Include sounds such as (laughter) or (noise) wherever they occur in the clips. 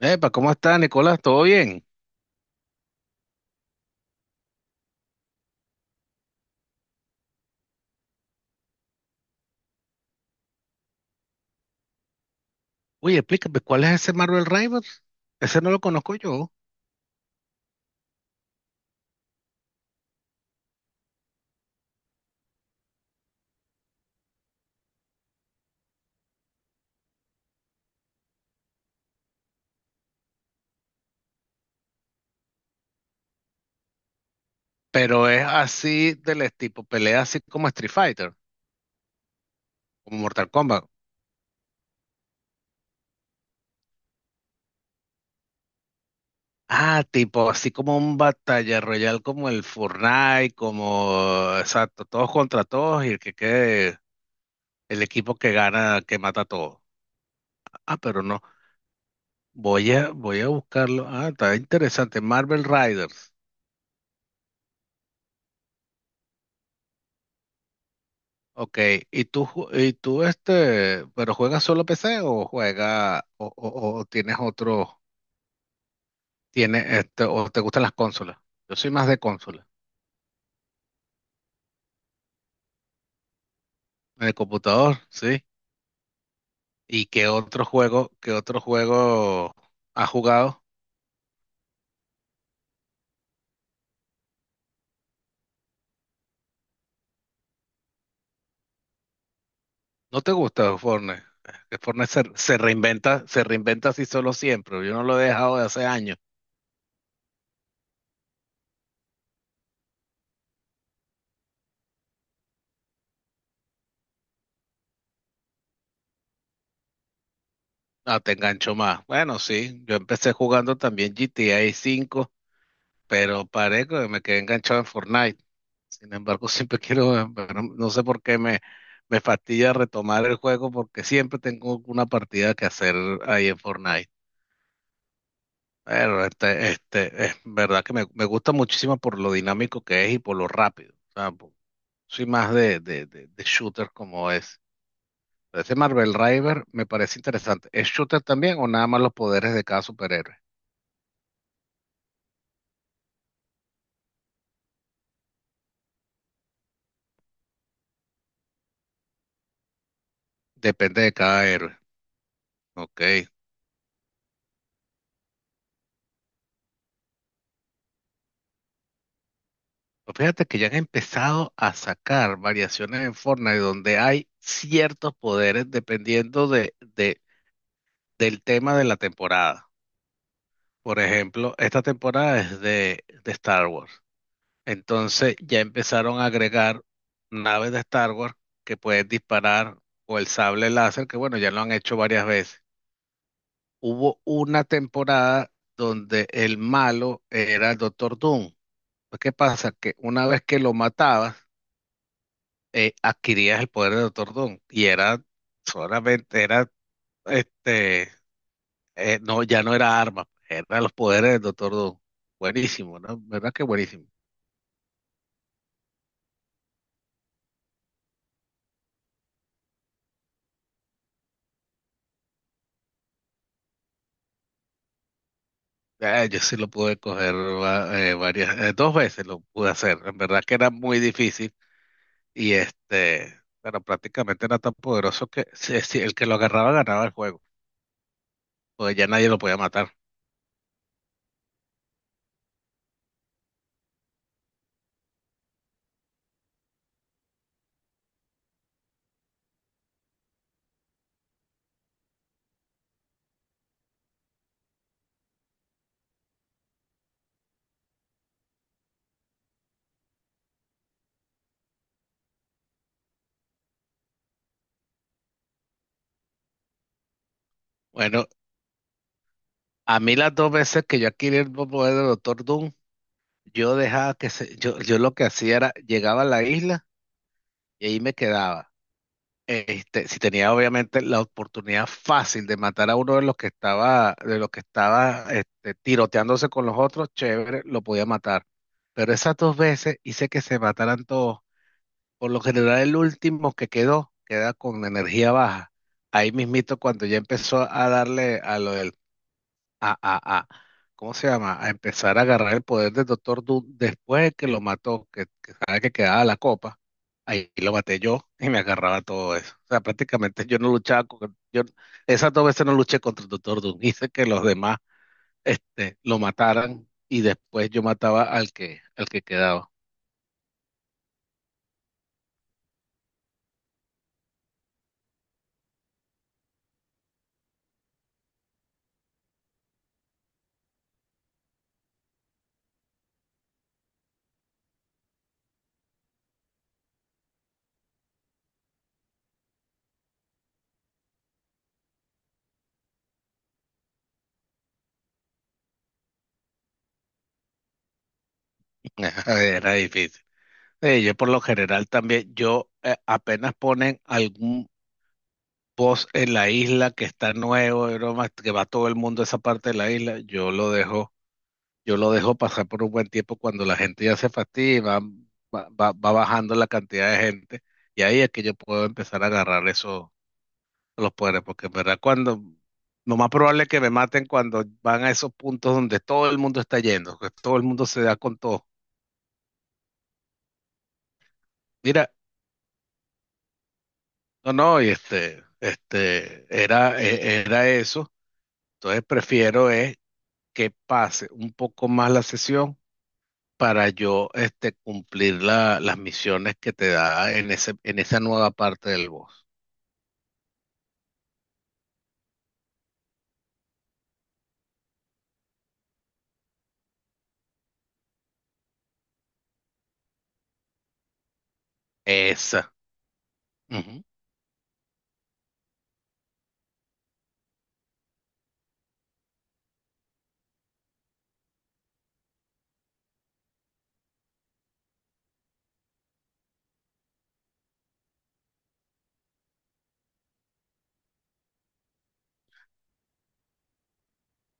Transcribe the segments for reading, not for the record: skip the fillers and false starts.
Epa, ¿cómo está, Nicolás? ¿Todo bien? Oye, explícame, ¿cuál es ese Marvel Rivals? Ese no lo conozco yo, pero es así del tipo, pelea así como Street Fighter, como Mortal Kombat. Ah, tipo, así como un batalla royal como el Fortnite, como, exacto, todos contra todos y el que quede, el equipo que gana, que mata a todos. Ah, pero no, voy a buscarlo. Ah, está interesante, Marvel Riders. Ok, ¿y tú, pero juegas solo PC o juegas, o tienes otro, tienes o te gustan las consolas? Yo soy más de consola, de computador, sí. ¿Y qué otro juego has jugado? ¿No te gusta Fortnite? Que Fortnite se reinventa así solo siempre. Yo no lo he dejado de hace años. Ah, te engancho más. Bueno, sí, yo empecé jugando también GTA V, pero paré que me quedé enganchado en Fortnite. Sin embargo, (laughs) siempre quiero, pero no sé me fastidia retomar el juego porque siempre tengo una partida que hacer ahí en Fortnite. Pero es verdad que me gusta muchísimo por lo dinámico que es y por lo rápido. O sea, soy más de shooter como es. Pero ese Marvel River me parece interesante. ¿Es shooter también o nada más los poderes de cada superhéroe? Depende de cada héroe. Ok, fíjate que ya han empezado a sacar variaciones en Fortnite donde hay ciertos poderes dependiendo del tema de la temporada. Por ejemplo, esta temporada es de Star Wars. Entonces ya empezaron a agregar naves de Star Wars que pueden disparar o el sable láser, que bueno, ya lo han hecho varias veces. Hubo una temporada donde el malo era el Doctor Doom. Pues, ¿qué pasa? Que una vez que lo matabas, adquirías el poder de Doctor Doom y era solamente, era, este, no, ya no era arma, eran los poderes del Doctor Doom. Buenísimo, ¿no? ¿Verdad que buenísimo? Yo sí lo pude coger va- varias, dos veces lo pude hacer. En verdad que era muy difícil y este, pero prácticamente era tan poderoso que si el que lo agarraba ganaba el juego, porque ya nadie lo podía matar. Bueno, a mí las dos veces que yo adquirí el poder del Doctor Doom, yo dejaba que yo lo que hacía era, llegaba a la isla y ahí me quedaba. Este, si tenía obviamente la oportunidad fácil de matar a uno de los que estaba, de los que estaba este, tiroteándose con los otros, chévere, lo podía matar. Pero esas dos veces hice que se mataran todos. Por lo general, el último que quedó, queda con energía baja. Ahí mismito, cuando ya empezó a darle a lo del a, a, a, ¿cómo se llama? A empezar a agarrar el poder del Doctor Doom después de que lo mató, que sabe que quedaba la copa, ahí lo maté yo y me agarraba todo eso. O sea, prácticamente yo no luchaba con, yo esas dos veces no luché contra el Doctor Doom, (laughs) hice que los demás este, lo mataran y después yo mataba al que quedaba. (laughs) Era difícil. Sí, yo por lo general también, yo apenas ponen algún post en la isla que está nuevo, y broma, que va todo el mundo a esa parte de la isla, yo lo dejo pasar por un buen tiempo cuando la gente ya se fastidia y va bajando la cantidad de gente. Y ahí es que yo puedo empezar a agarrar esos los poderes, porque en verdad cuando lo más probable es que me maten cuando van a esos puntos donde todo el mundo está yendo, que todo el mundo se da con todo. Mira, no, no, y era, era eso. Entonces prefiero es que pase un poco más la sesión para yo este, cumplir las misiones que te da en esa nueva parte del boss. Esa. Ujú.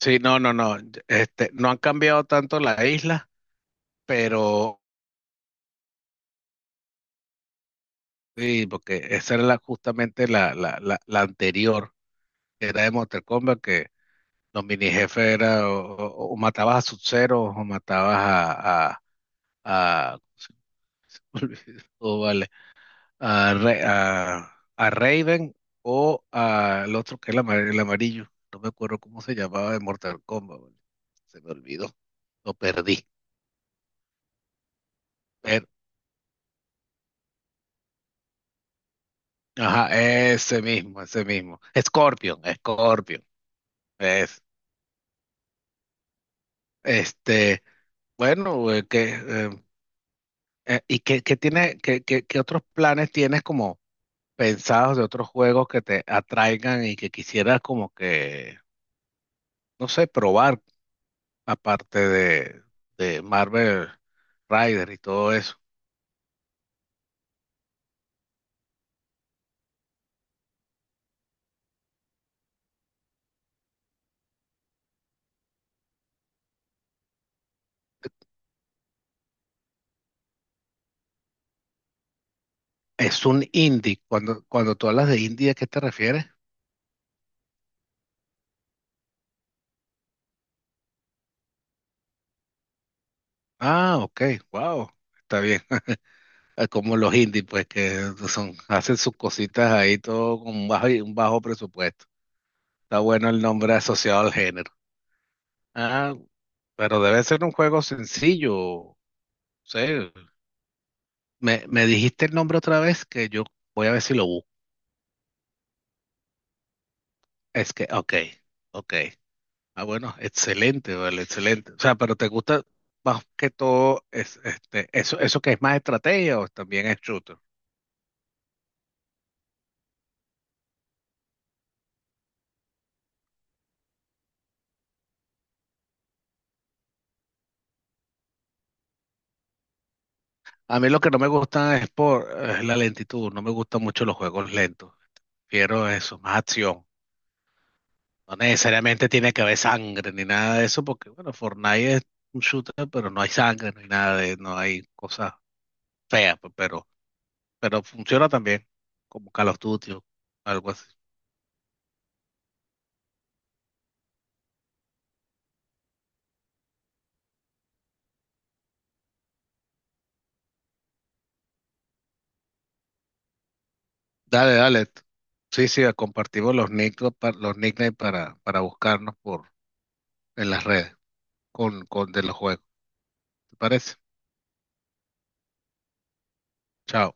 Sí, no, no, no. Este, no han cambiado tanto la isla, pero sí, porque esa era justamente la anterior, que era de Mortal Kombat, que los mini jefes era o matabas a Sub-Zero o matabas a, (laughs) se me olvidó, vale a Raven o al otro que es el amarillo. No me acuerdo cómo se llamaba de Mortal Kombat. ¿Vale? Se me olvidó. Lo perdí. Pero ajá, ese mismo, ese mismo. Scorpion, Scorpion. Es, este, bueno, ¿y qué, qué otros planes tienes como pensados de otros juegos que te atraigan y que quisieras como que, no sé, probar? Aparte de Marvel Rider y todo eso. Es un indie. Cuando, cuando tú hablas de indie, ¿a qué te refieres? Ah, ok, wow, está bien. (laughs) Como los indies, pues que son, hacen sus cositas ahí todo con un bajo presupuesto. Está bueno el nombre asociado al género. Ah, pero debe ser un juego sencillo. Sí. Me dijiste el nombre otra vez que yo voy a ver si lo busco. Es que, ok, ok. Ah, bueno, excelente, vale, excelente. O sea, pero te gusta más que todo es, este, eso que es más estrategia o también es shooter. A mí lo que no me gusta es por es la lentitud, no me gustan mucho los juegos lentos. Quiero eso, más acción. No necesariamente tiene que haber sangre ni nada de eso, porque bueno, Fortnite es un shooter, pero no hay sangre ni nada de, no hay cosas feas, pero funciona también, como Call of Duty o algo así. Dale, dale. Sí, sí, compartimos los nick, los nicknames para buscarnos por en las redes con de los juegos. ¿Te parece? Chao.